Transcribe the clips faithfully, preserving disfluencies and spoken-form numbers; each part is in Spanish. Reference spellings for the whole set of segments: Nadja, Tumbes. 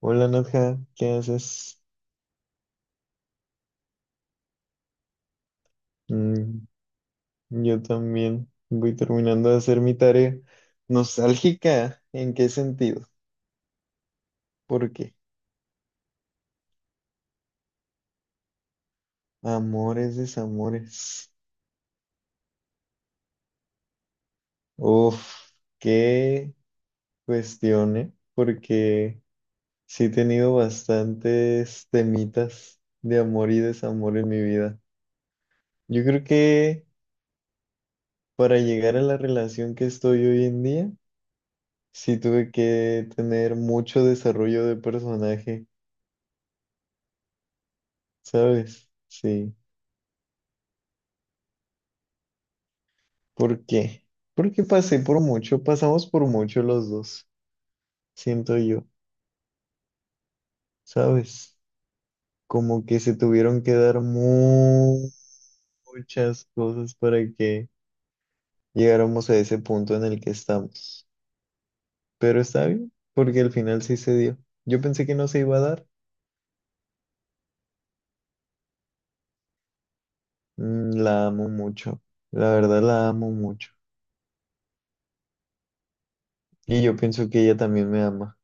Hola Nadja, ¿qué haces? Mm, yo también voy terminando de hacer mi tarea. ¿Nostálgica? ¿En qué sentido? Porque amores, desamores. Uf, qué cuestión, ¿eh? Porque sí he tenido bastantes temitas de amor y desamor en mi vida. Yo creo que para llegar a la relación que estoy hoy en día, sí tuve que tener mucho desarrollo de personaje. ¿Sabes? Sí. ¿Por qué? Porque pasé por mucho, pasamos por mucho los dos, siento yo, ¿sabes? Como que se tuvieron que dar mu- muchas cosas para que llegáramos a ese punto en el que estamos. Pero está bien, porque al final sí se dio. Yo pensé que no se iba a dar. Mm, La amo mucho, la verdad la amo mucho. Y yo pienso que ella también me ama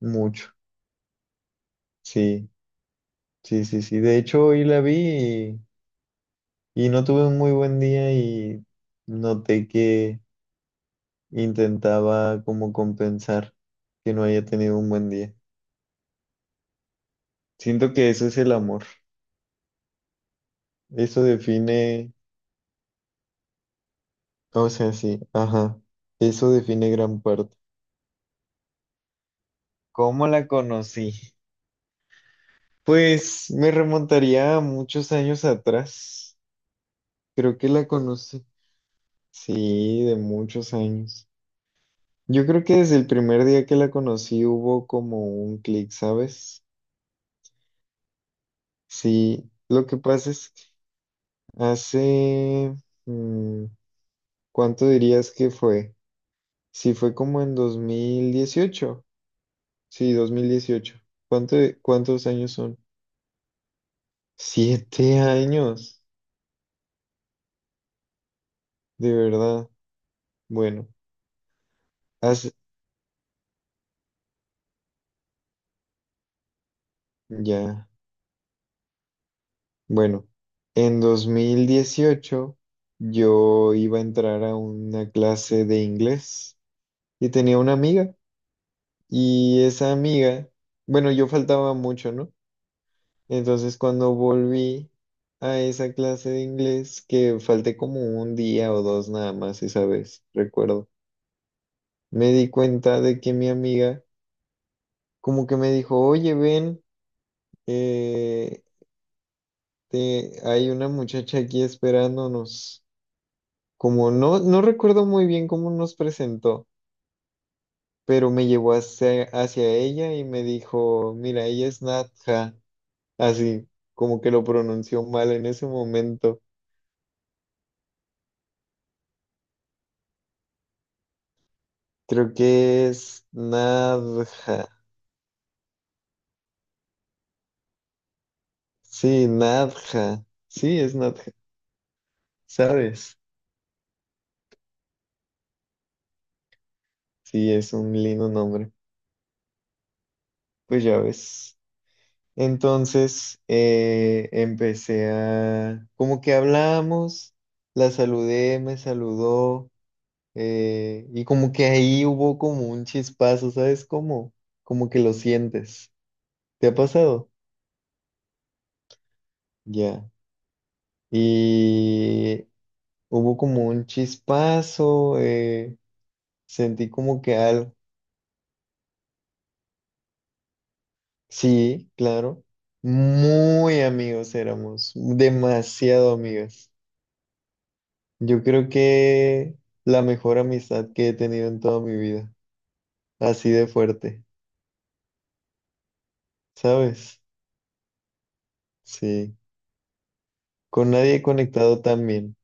mucho. Sí, sí, sí, sí. De hecho, hoy la vi y no tuve un muy buen día y noté que intentaba como compensar que no haya tenido un buen día. Siento que eso es el amor. Eso define, o sea, sí, ajá. Eso define gran parte. ¿Cómo la conocí? Pues me remontaría a muchos años atrás. Creo que la conocí. Sí, de muchos años. Yo creo que desde el primer día que la conocí hubo como un clic, ¿sabes? Sí, lo que pasa es. Hace, mm, ¿cuánto dirías que fue? Si fue como en dos mil dieciocho. Sí, dos mil dieciocho. ¿Cuánto, cuántos años son? Siete años, de verdad. Bueno, hace, ya, bueno, en dos mil dieciocho yo iba a entrar a una clase de inglés y tenía una amiga y esa amiga, bueno, yo faltaba mucho, ¿no? Entonces, cuando volví a esa clase de inglés, que falté como un día o dos nada más esa vez, recuerdo, me di cuenta de que mi amiga como que me dijo, oye, ven, eh, te- hay una muchacha aquí esperándonos. Como no, no recuerdo muy bien cómo nos presentó, pero me llevó hacia, hacia ella y me dijo, mira, ella es Natja, así como que lo pronunció mal en ese momento. Creo que es Nadja. Sí, Nadja. Sí, es Nadja. ¿Sabes? Sí, es un lindo nombre. Pues ya ves. Entonces, eh, empecé a... como que hablamos, la saludé, me saludó, eh, y como que ahí hubo como un chispazo, ¿sabes cómo? Como que lo sientes. ¿Te ha pasado? Ya. Y hubo como un chispazo. eh, Sentí como que algo, sí, claro, muy amigos éramos, demasiado amigos. Yo creo que la mejor amistad que he tenido en toda mi vida, así de fuerte, ¿sabes? Sí, con nadie he conectado tan bien.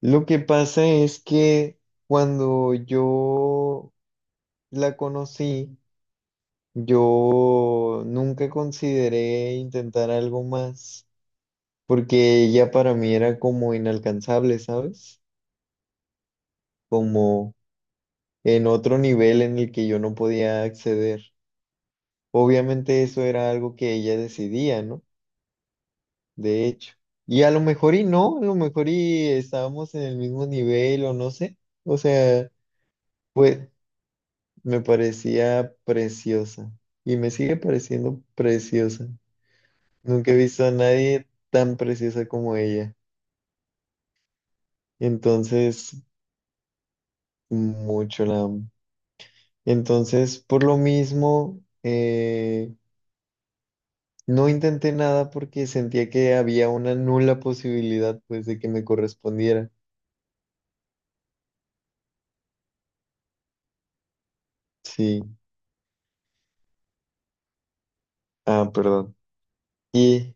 Lo que pasa es que cuando yo la conocí, yo nunca consideré intentar algo más, porque ella para mí era como inalcanzable, ¿sabes? Como en otro nivel en el que yo no podía acceder. Obviamente eso era algo que ella decidía, ¿no? De hecho. Y a lo mejor y no, a lo mejor y estábamos en el mismo nivel o no sé. O sea, pues me parecía preciosa y me sigue pareciendo preciosa. Nunca he visto a nadie tan preciosa como ella. Entonces, mucho la amo. Entonces, por lo mismo, eh, no intenté nada porque sentía que había una nula posibilidad, pues, de que me correspondiera. Sí. Ah, perdón. Y,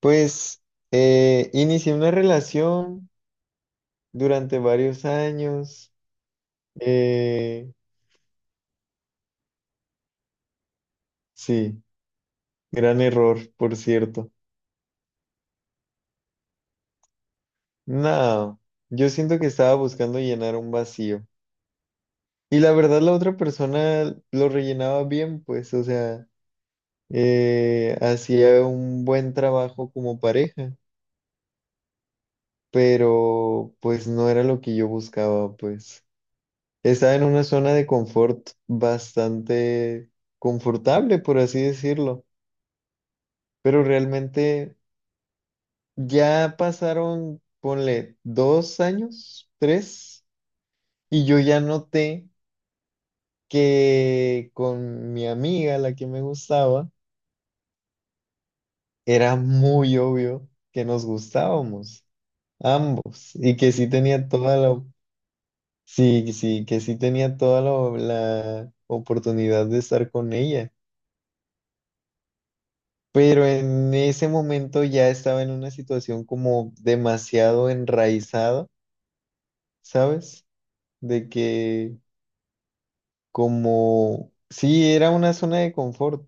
pues, eh, inicié una relación durante varios años. Eh, sí, gran error, por cierto. No, yo siento que estaba buscando llenar un vacío. Y la verdad, la otra persona lo rellenaba bien, pues, o sea, eh, hacía un buen trabajo como pareja. Pero pues no era lo que yo buscaba, pues. Estaba en una zona de confort bastante confortable, por así decirlo, pero realmente ya pasaron, ponle, dos años, tres, y yo ya noté que con mi amiga, la que me gustaba, era muy obvio que nos gustábamos, ambos, y que sí tenía toda la. Sí, sí, que sí tenía toda la, la oportunidad de estar con ella, pero en ese momento ya estaba en una situación como demasiado enraizada, ¿sabes? De que como, sí, era una zona de confort,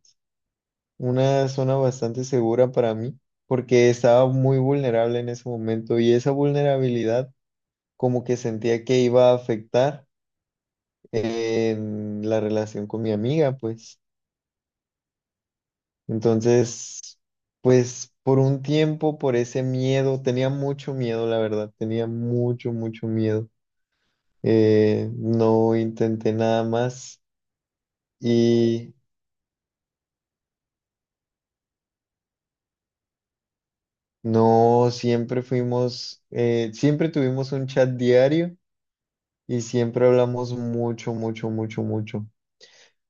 una zona bastante segura para mí, porque estaba muy vulnerable en ese momento y esa vulnerabilidad como que sentía que iba a afectar en la relación con mi amiga, pues. Entonces, pues por un tiempo, por ese miedo, tenía mucho miedo, la verdad, tenía mucho, mucho miedo. Eh, no intenté nada más y no, siempre fuimos, eh, siempre tuvimos un chat diario y siempre hablamos mucho, mucho, mucho, mucho.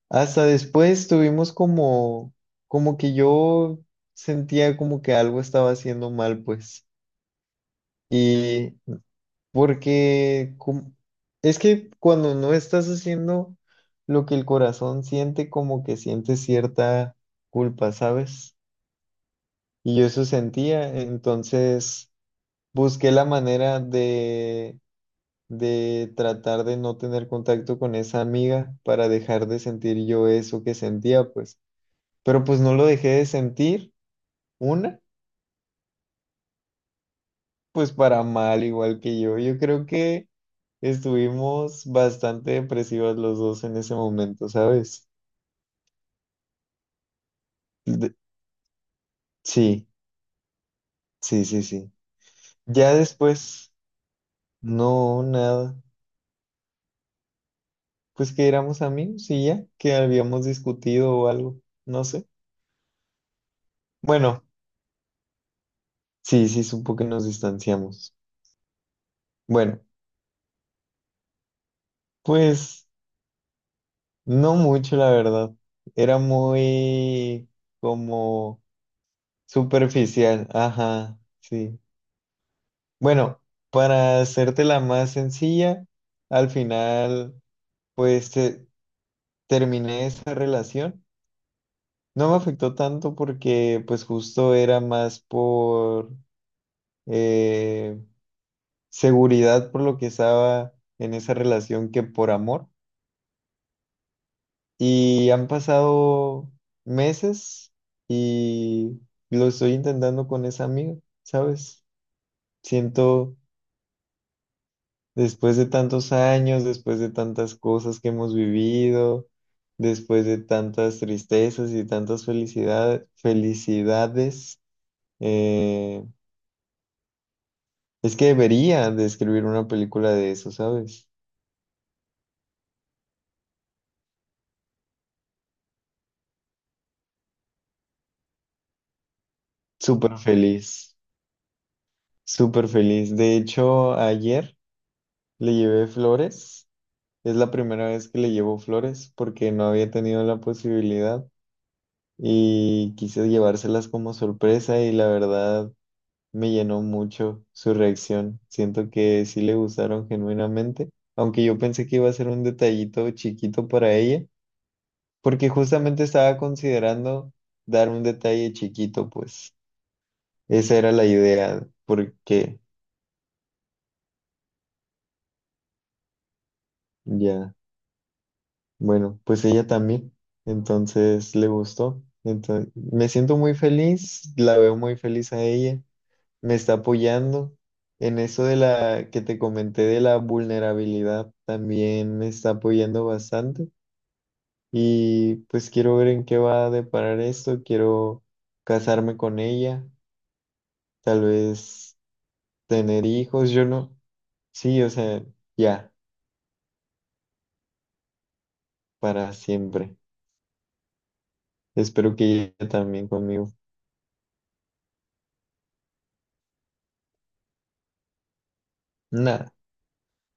Hasta después tuvimos como, como que yo sentía como que algo estaba haciendo mal, pues. Y Porque cum- es que cuando no estás haciendo lo que el corazón siente, como que sientes cierta culpa, ¿sabes? Y yo eso sentía, entonces busqué la manera de, de tratar de no tener contacto con esa amiga para dejar de sentir yo eso que sentía, pues. Pero pues no lo dejé de sentir, una, pues para mal, igual que yo. Yo creo que. Estuvimos bastante depresivos los dos en ese momento, ¿sabes? De- sí, sí, sí, sí. Ya después, no, nada. Pues que éramos amigos y ya, que habíamos discutido o algo, no sé. Bueno, sí, sí, supo que nos distanciamos. Bueno, pues no mucho, la verdad. Era muy como superficial, ajá, sí. Bueno, para hacértela más sencilla. Al final, pues te- terminé esa relación. No me afectó tanto porque pues justo era más por eh, seguridad por lo que estaba en esa relación que por amor. Y han pasado meses y lo estoy intentando con esa amiga, ¿sabes? Siento Después de tantos años, después de tantas cosas que hemos vivido, después de tantas tristezas y tantas felicidad felicidades, eh, es que debería de escribir una película de eso, ¿sabes? Súper feliz, súper feliz. De hecho, ayer le llevé flores. Es la primera vez que le llevo flores porque no había tenido la posibilidad y quise llevárselas como sorpresa y la verdad. Me llenó mucho su reacción. Siento que sí le gustaron genuinamente, aunque yo pensé que iba a ser un detallito chiquito para ella, porque justamente estaba considerando dar un detalle chiquito, pues esa era la idea, porque ya, bueno, pues ella también, entonces le gustó. Entonces, me siento muy feliz, la veo muy feliz a ella. Me está apoyando. En eso de la que te comenté de la vulnerabilidad, también me está apoyando bastante. Y pues quiero ver en qué va a deparar esto. Quiero casarme con ella, tal vez tener hijos, yo no. Sí, o sea, ya, para siempre. Espero que ella también conmigo. Nada.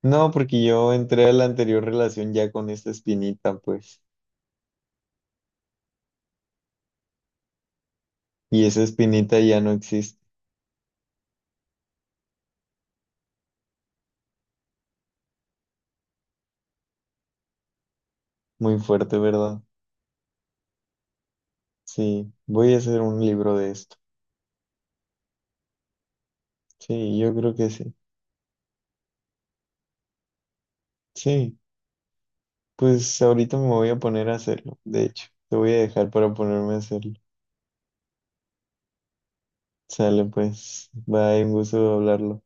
No, porque yo entré a la anterior relación ya con esta espinita, pues. Y esa espinita ya no existe. Muy fuerte, ¿verdad? Sí, voy a hacer un libro de esto. Sí, yo creo que sí. Sí, pues ahorita me voy a poner a hacerlo. De hecho, te voy a dejar para ponerme a hacerlo. Sale pues, bye, un gusto hablarlo.